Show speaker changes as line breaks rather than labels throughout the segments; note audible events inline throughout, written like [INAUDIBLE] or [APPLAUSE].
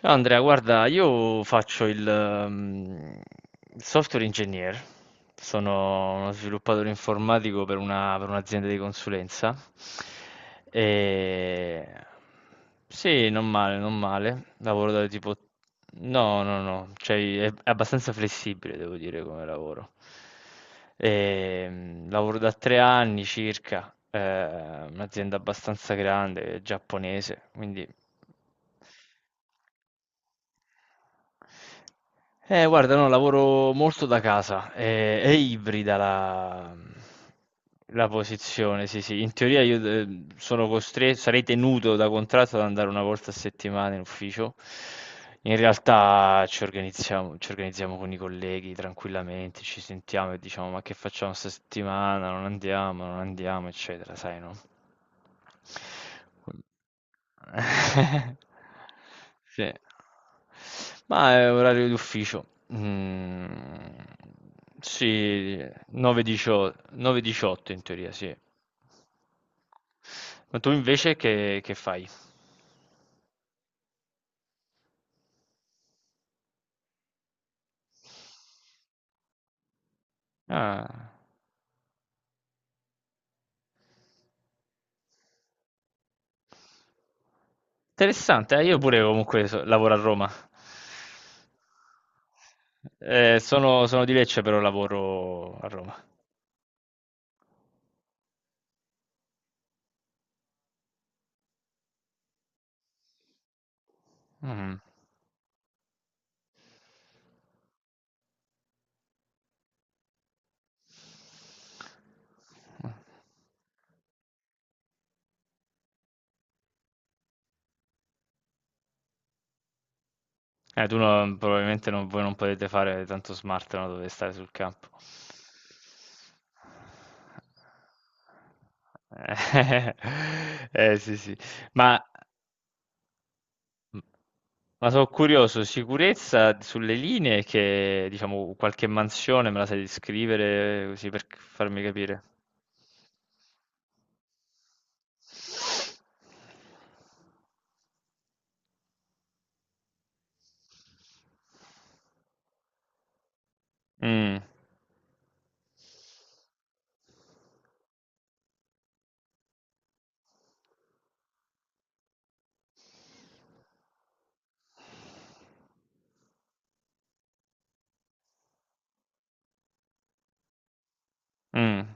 Ciao Andrea, guarda, io faccio il software engineer, sono uno sviluppatore informatico per per un'azienda di consulenza. E... Sì, non male, non male. Lavoro da tipo. No, no, no, cioè è abbastanza flessibile, devo dire, come lavoro. Lavoro da 3 anni circa, un'azienda abbastanza grande, giapponese, quindi. Guarda, no, lavoro molto da casa, ibrida la posizione, sì, sì. In teoria io sono costretto, sarei tenuto da contratto ad andare una volta a settimana in ufficio. In realtà ci organizziamo con i colleghi tranquillamente, ci sentiamo e diciamo ma che facciamo questa settimana? Non andiamo, non andiamo, eccetera, sai, no? [LAUGHS] Sì. Ma è orario d'ufficio. Mm, sì, 9:18 9:18 in teoria, sì. Ma tu invece che fai? Ah, interessante, io pure comunque lavoro a Roma. Sono sono, di Lecce, però lavoro a Roma. Mm. Tu non- probabilmente non, voi non potete fare tanto smart, no? Dovete stare sul campo. Eh, [LAUGHS] sì, sì. Ma, ma sono curioso, sicurezza sulle linee che, diciamo, qualche mansione me la sai descrivere così per farmi capire. Mm, mm.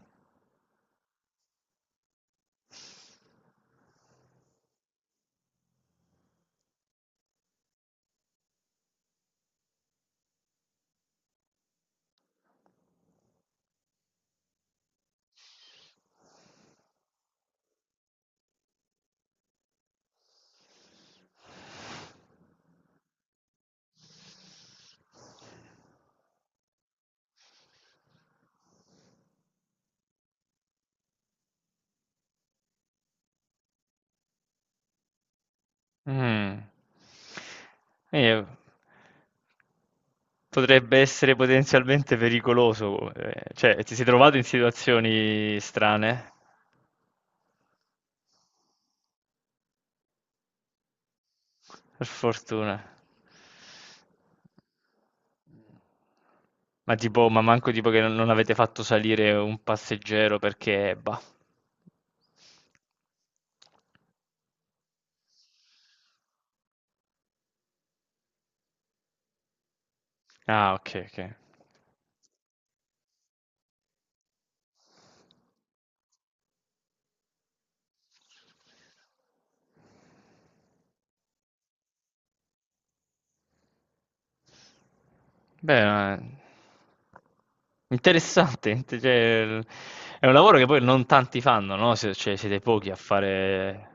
Mm. Eh, potrebbe essere potenzialmente pericoloso, cioè ti sei trovato in situazioni strane, per fortuna. Ma tipo, ma manco tipo che non avete fatto salire un passeggero perché, bah. Ah, ok, ok. Beh, interessante, [LAUGHS] cioè, è un lavoro che poi non tanti fanno, no? Cioè, siete pochi a fare.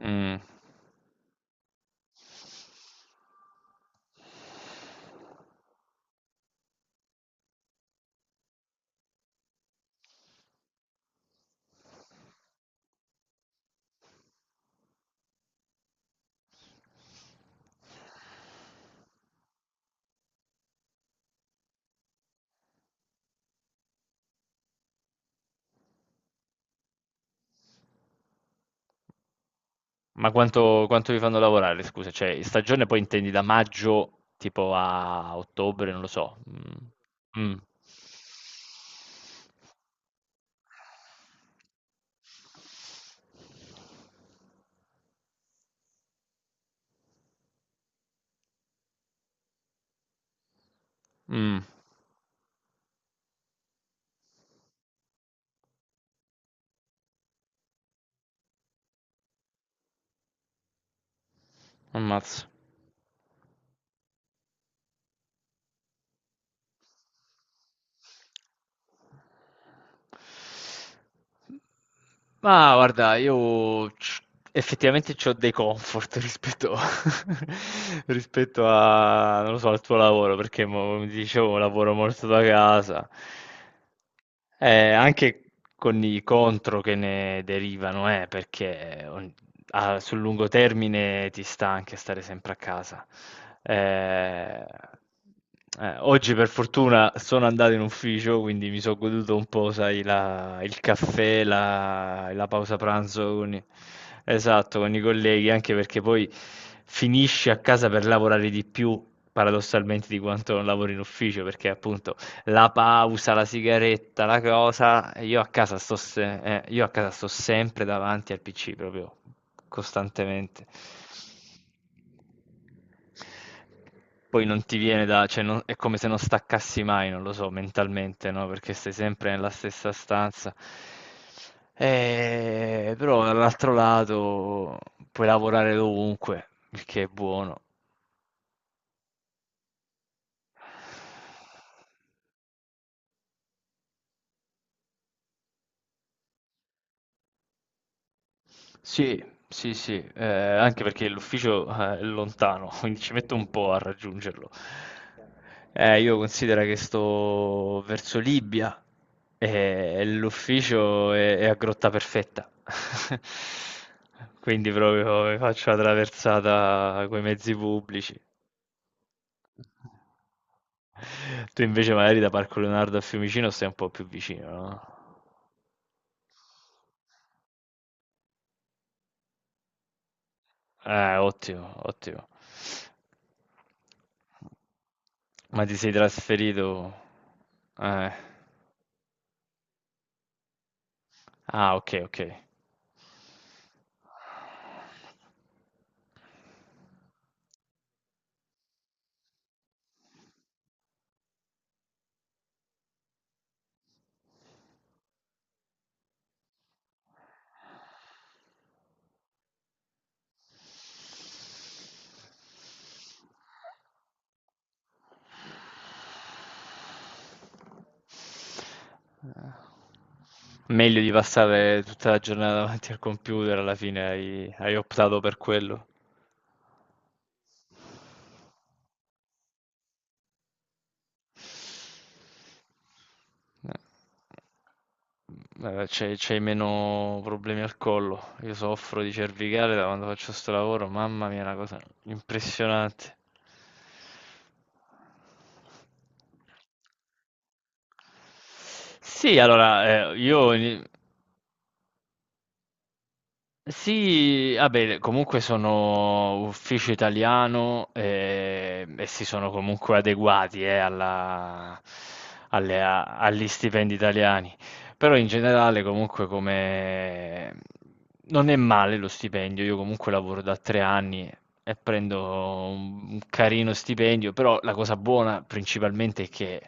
Mm. Ma quanto vi fanno lavorare, scusa? Cioè, in stagione poi intendi da maggio tipo a ottobre, non lo so. Mm. Mm. Mm. Ammazza. Ma guarda, io effettivamente ho dei comfort [LAUGHS] [LAUGHS] rispetto a, non lo so, al tuo lavoro, perché come ti dicevo, lavoro molto da casa, anche con i contro che ne derivano, perché sul lungo termine ti sta anche stare sempre a casa. Eh, oggi per fortuna sono andato in ufficio, quindi mi sono goduto un po', sai, il caffè, la pausa pranzo esatto, con i colleghi, anche perché poi finisci a casa per lavorare di più, paradossalmente, di quanto non lavori in ufficio, perché appunto la pausa, la sigaretta, la cosa, e io a casa sto, se- io a casa sto sempre davanti al PC proprio costantemente. Poi non ti viene da, è come se non staccassi mai, non lo so, mentalmente, no? Perché stai sempre nella stessa stanza. Però dall'altro lato puoi lavorare dovunque, il che è buono. Sì, sì, sì, anche perché l'ufficio, è lontano, [LAUGHS] quindi ci metto un po' a raggiungerlo. Io considero che sto verso Libia e l'ufficio è a Grotta Perfetta, [LAUGHS] quindi proprio mi faccio la traversata con i mezzi pubblici. Tu invece magari da Parco Leonardo a Fiumicino stai un po' più vicino, no? Ottimo, ottimo. Ma ti sei trasferito? Eh. Ah, ok, ok. Meglio di passare tutta la giornata davanti al computer, alla fine hai optato per quello. C'hai meno problemi al collo. Io soffro di cervicale da quando faccio sto lavoro. Mamma mia, è una cosa impressionante. Sì, allora, io. Sì, vabbè, comunque sono ufficio italiano, e si sono comunque adeguati, agli stipendi italiani. Però in generale comunque come. Non è male lo stipendio, io comunque lavoro da 3 anni e prendo un carino stipendio, però la cosa buona principalmente è che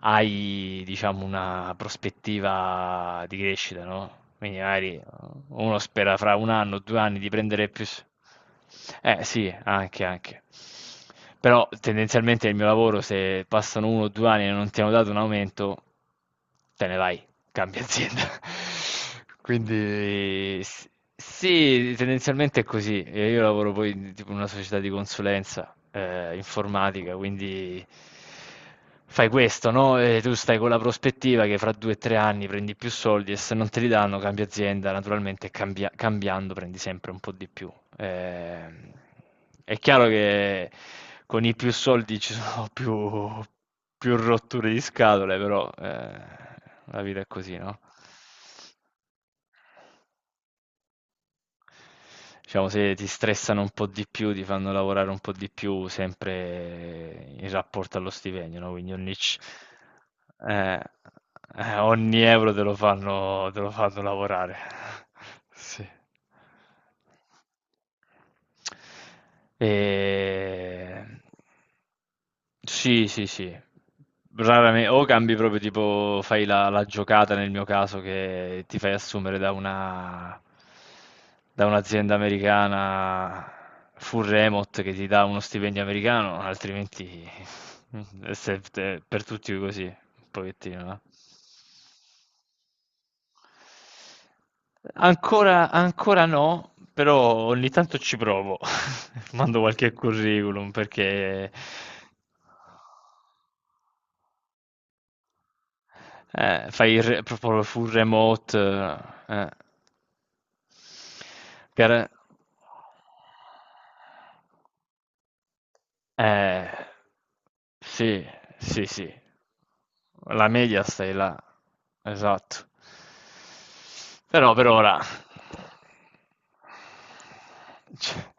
hai, diciamo, una prospettiva di crescita, no? Quindi magari uno spera fra un anno, 2 anni di prendere più. Eh sì, anche, anche. Però tendenzialmente il mio lavoro, se passano 1 o 2 anni e non ti hanno dato un aumento, te ne vai, cambia azienda. [LAUGHS] Quindi sì, tendenzialmente è così. Io lavoro poi in tipo, in una società di consulenza, informatica, quindi fai questo, no? E tu stai con la prospettiva che fra 2 o 3 anni prendi più soldi e se non te li danno cambia azienda, naturalmente, cambiando prendi sempre un po' di più. Ehm, è chiaro che con i più soldi ci sono [LAUGHS] più rotture di scatole, però, la vita è così, no? Diciamo, se ti stressano un po' di più, ti fanno lavorare un po' di più, sempre in rapporto allo stipendio, no? Quindi eh, ogni euro te lo fanno lavorare. [LAUGHS] Sì. Ehm, sì, sì, sì. Rarame o cambi proprio tipo, fai la giocata nel mio caso che ti fai assumere da un'azienda americana full remote che ti dà uno stipendio americano, altrimenti [LAUGHS] per tutti così, un pochettino, no? Ancora, ancora no, però ogni tanto ci provo. [LAUGHS] Mando qualche curriculum perché proprio full remote. eh. Per- Eh, sì, sì, sì. La media stai là. Esatto. Però per ora. Cioè,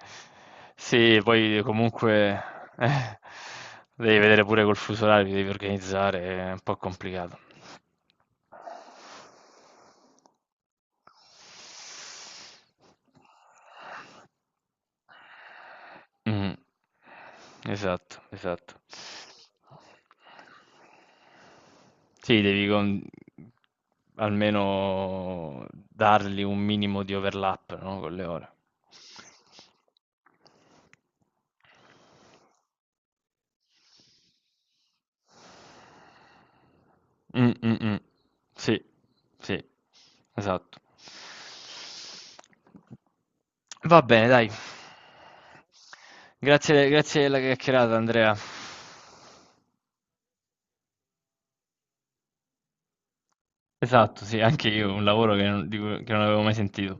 sì, poi comunque, eh, devi vedere pure col fuso orario, ti devi organizzare, è un po' complicato. Mm. Esatto, esatto. Sì, almeno dargli un minimo di overlap, no, con le ore. Mm, mm, mm. Sì, sì, esatto. Va bene, dai. Grazie, grazie della chiacchierata, Andrea. Esatto, sì, anche io, un lavoro che non avevo mai sentito.